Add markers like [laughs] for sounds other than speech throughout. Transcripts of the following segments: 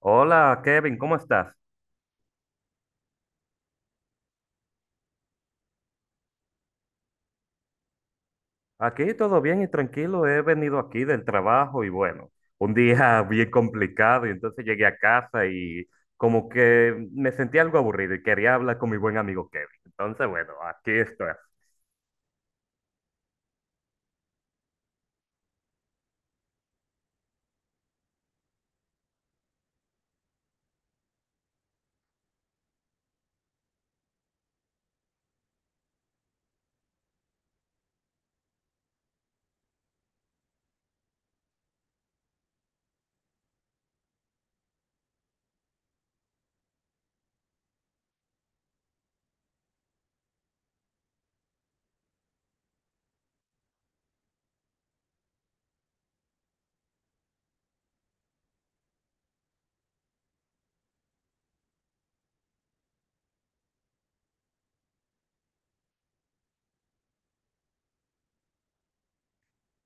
Hola Kevin, ¿cómo estás? Aquí todo bien y tranquilo. He venido aquí del trabajo y bueno, un día [laughs] bien complicado y entonces llegué a casa y como que me sentí algo aburrido y quería hablar con mi buen amigo Kevin. Entonces, bueno, aquí estoy.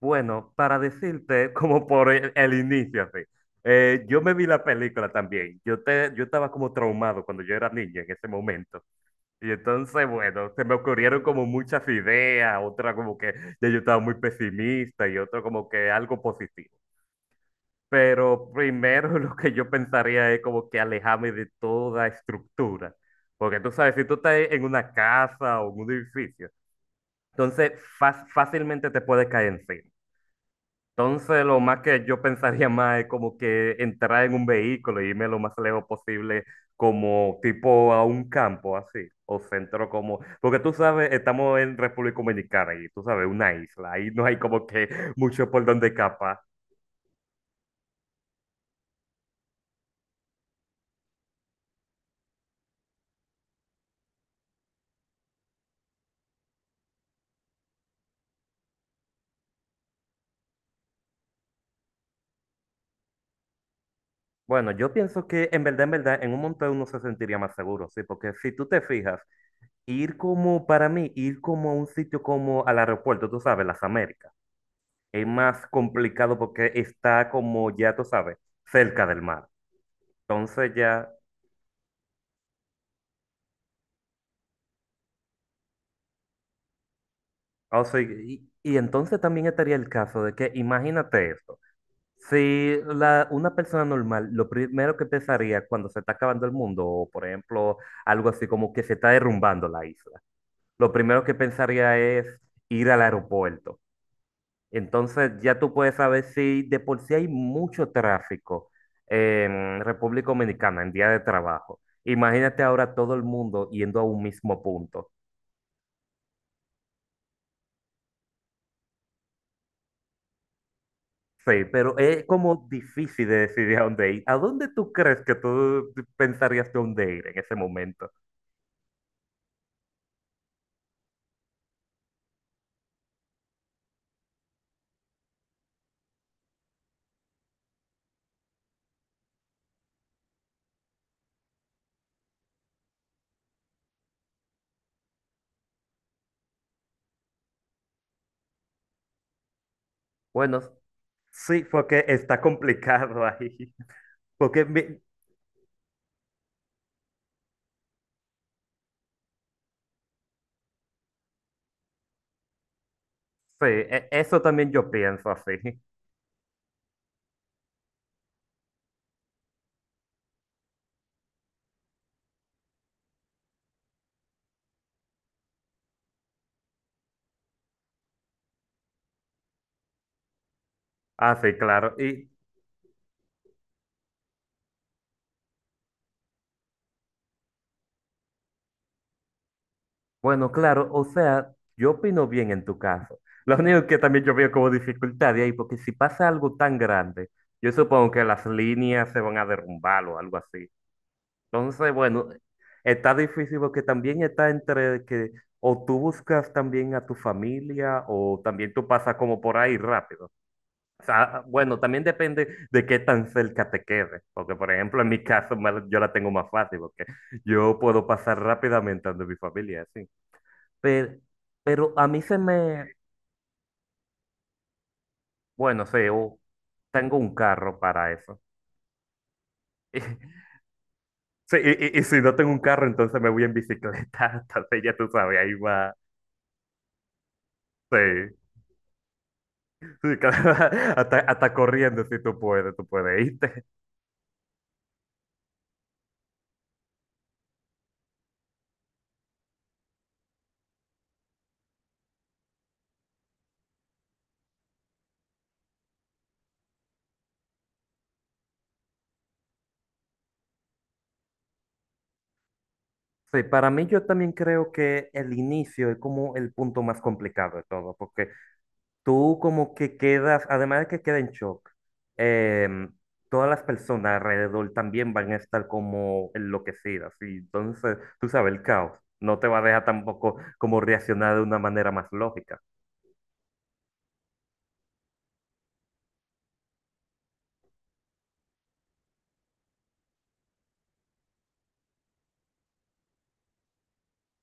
Bueno, para decirte, [laughs] como por el inicio, así, yo me vi la película también. Yo estaba como traumado cuando yo era niño en ese momento. Y entonces, bueno, se me ocurrieron como muchas ideas, otra como que ya yo estaba muy pesimista y otra como que algo positivo. Pero primero [laughs] lo que yo pensaría es como que alejarme de toda estructura. Porque tú sabes, si tú estás en una casa o en un edificio, entonces fácilmente te puedes caer encima. Entonces, lo más que yo pensaría más es como que entrar en un vehículo y irme lo más lejos posible, como tipo a un campo así, o centro como, porque tú sabes, estamos en República Dominicana y tú sabes, una isla, ahí no hay como que [laughs] mucho por donde escapar. Bueno, yo pienso que en verdad, en verdad, en un monte uno se sentiría más seguro, sí, porque si tú te fijas, ir como, para mí, ir como a un sitio como al aeropuerto, tú sabes, las Américas, es más complicado porque está como, ya tú sabes, cerca del mar. Entonces ya, ah, o sea, y entonces también estaría el caso de que, imagínate esto, si una persona normal, lo primero que pensaría cuando se está acabando el mundo, o por ejemplo, algo así como que se está derrumbando la isla, lo primero que pensaría es ir al aeropuerto. Entonces ya tú puedes saber si de por sí hay mucho tráfico en República Dominicana en día de trabajo. Imagínate ahora todo el mundo yendo a un mismo punto. Sí, pero es como difícil de decidir a dónde ir. ¿A dónde tú crees que tú pensarías de dónde ir en ese momento? Bueno, sí, porque está complicado ahí. [laughs] Sí, eso también yo pienso así. [laughs] Ah, sí, claro. Y bueno, claro, o sea, yo opino bien en tu caso. [laughs] Lo único que también yo veo como dificultad de ahí, porque si pasa algo tan grande, yo supongo que las líneas se van a derrumbar o algo así. Entonces, bueno, está difícil porque también está entre que o tú buscas también a tu familia o también tú pasas como por ahí rápido. O sea, bueno, también depende de qué tan cerca te quedes. Porque, por ejemplo, en mi caso yo la tengo más fácil porque yo puedo pasar rápidamente ante mi familia, así. Pero, pero a mí se me, bueno, sí, tengo un carro para eso. [laughs] Sí, y si no tengo un carro, entonces me voy en bicicleta. [laughs] Entonces ya tú sabes, ahí va. Sí. Sí, [laughs] hasta, hasta corriendo, si tú puedes, tú puedes irte. Sí, para mí yo también creo que el inicio es como el punto más complicado de todo, porque tú como que quedas, además de que queda en shock, em, todas las personas alrededor también van a estar como enloquecidas, y entonces, tú sabes, el caos no te va a dejar tampoco como reaccionar de una manera más lógica.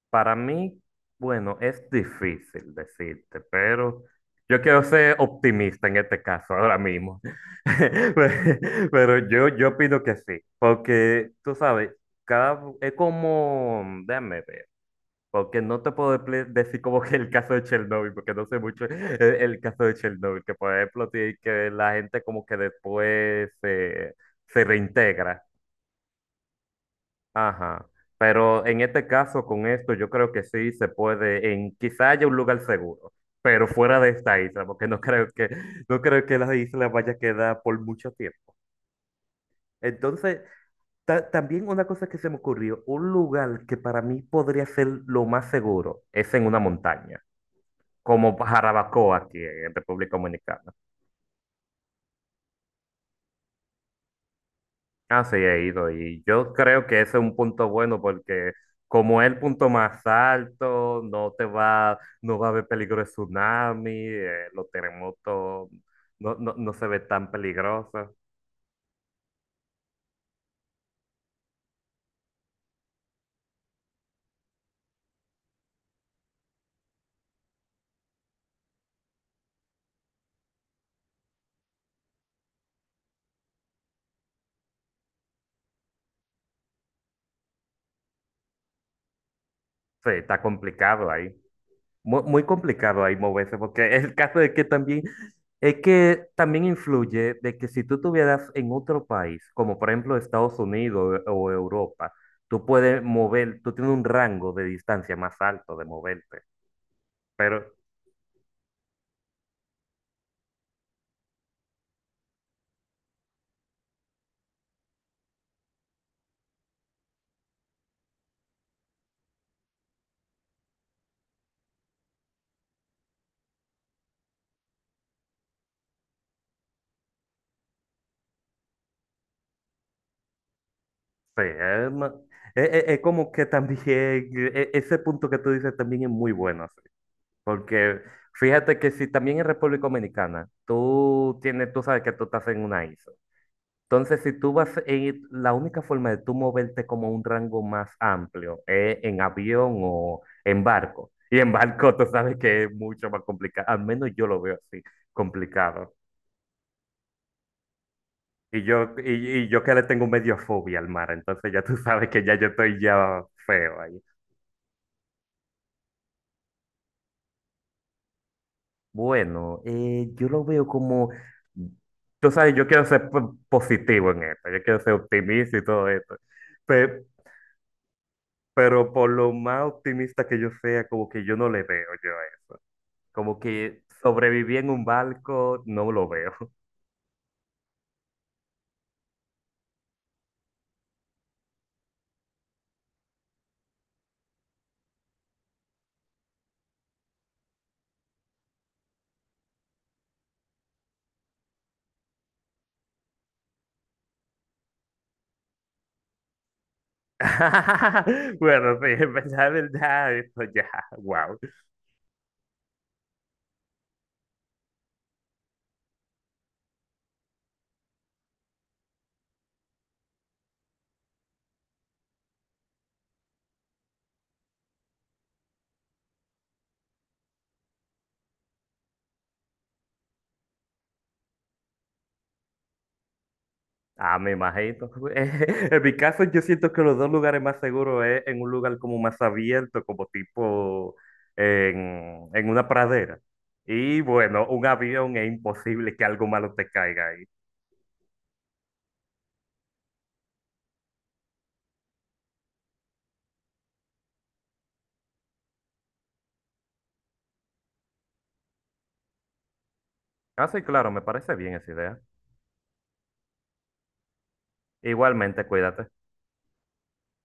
Para mí, bueno, es difícil decirte, pero yo quiero ser optimista en este caso ahora mismo. [laughs] Pero yo opino que sí, porque tú sabes, cada, es como, déjame ver, porque no te puedo decir como que el caso de Chernobyl, porque no sé mucho el caso de Chernobyl, que por ejemplo, sí, que la gente como que se reintegra. Ajá. Pero en este caso, con esto, yo creo que sí se puede, en quizá haya un lugar seguro, pero fuera de esta isla, porque no creo que la isla vaya a quedar por mucho tiempo. Entonces, también una cosa que se me ocurrió, un lugar que para mí podría ser lo más seguro es en una montaña, como Jarabacoa aquí en República Dominicana. Ah, sí, he ido y yo creo que ese es un punto bueno porque como es el punto más alto, no va a haber peligro de tsunami, los terremotos no, no, no se ve tan peligroso. Sí, está complicado ahí, muy, muy complicado ahí moverse porque el caso de que también, es que también influye de que si tú estuvieras en otro país, como por ejemplo Estados Unidos o Europa, tú tienes un rango de distancia más alto de moverte. Pero sí, es, es como que también, [laughs] ese punto que tú dices también es muy bueno, sí. Porque fíjate que si también en República Dominicana, tú tienes, tú sabes que tú estás en una isla. Entonces, si tú vas, en, la única forma de tú moverte como un rango más amplio es en avión o en barco. Y en barco tú sabes que es mucho más complicado, al menos yo lo veo así, complicado. Y yo que le tengo medio fobia al mar, entonces ya tú sabes que ya yo estoy ya feo. Bueno, yo lo veo como, tú sabes, yo quiero ser positivo en esto, yo quiero ser optimista y todo esto, pero, pero por lo más optimista que yo sea, como que yo no le veo yo a eso, como que sobreviví en un barco, no lo veo. [laughs] Bueno, sí, en verdad, esto ya, wow. Ah, me imagino. [laughs] En mi caso, yo siento que los dos lugares más seguros es en un lugar como más abierto, como tipo en una pradera. Y bueno, un avión es imposible que algo malo te caiga ahí. Ah, sí, claro, me parece bien esa idea. Igualmente, cuídate.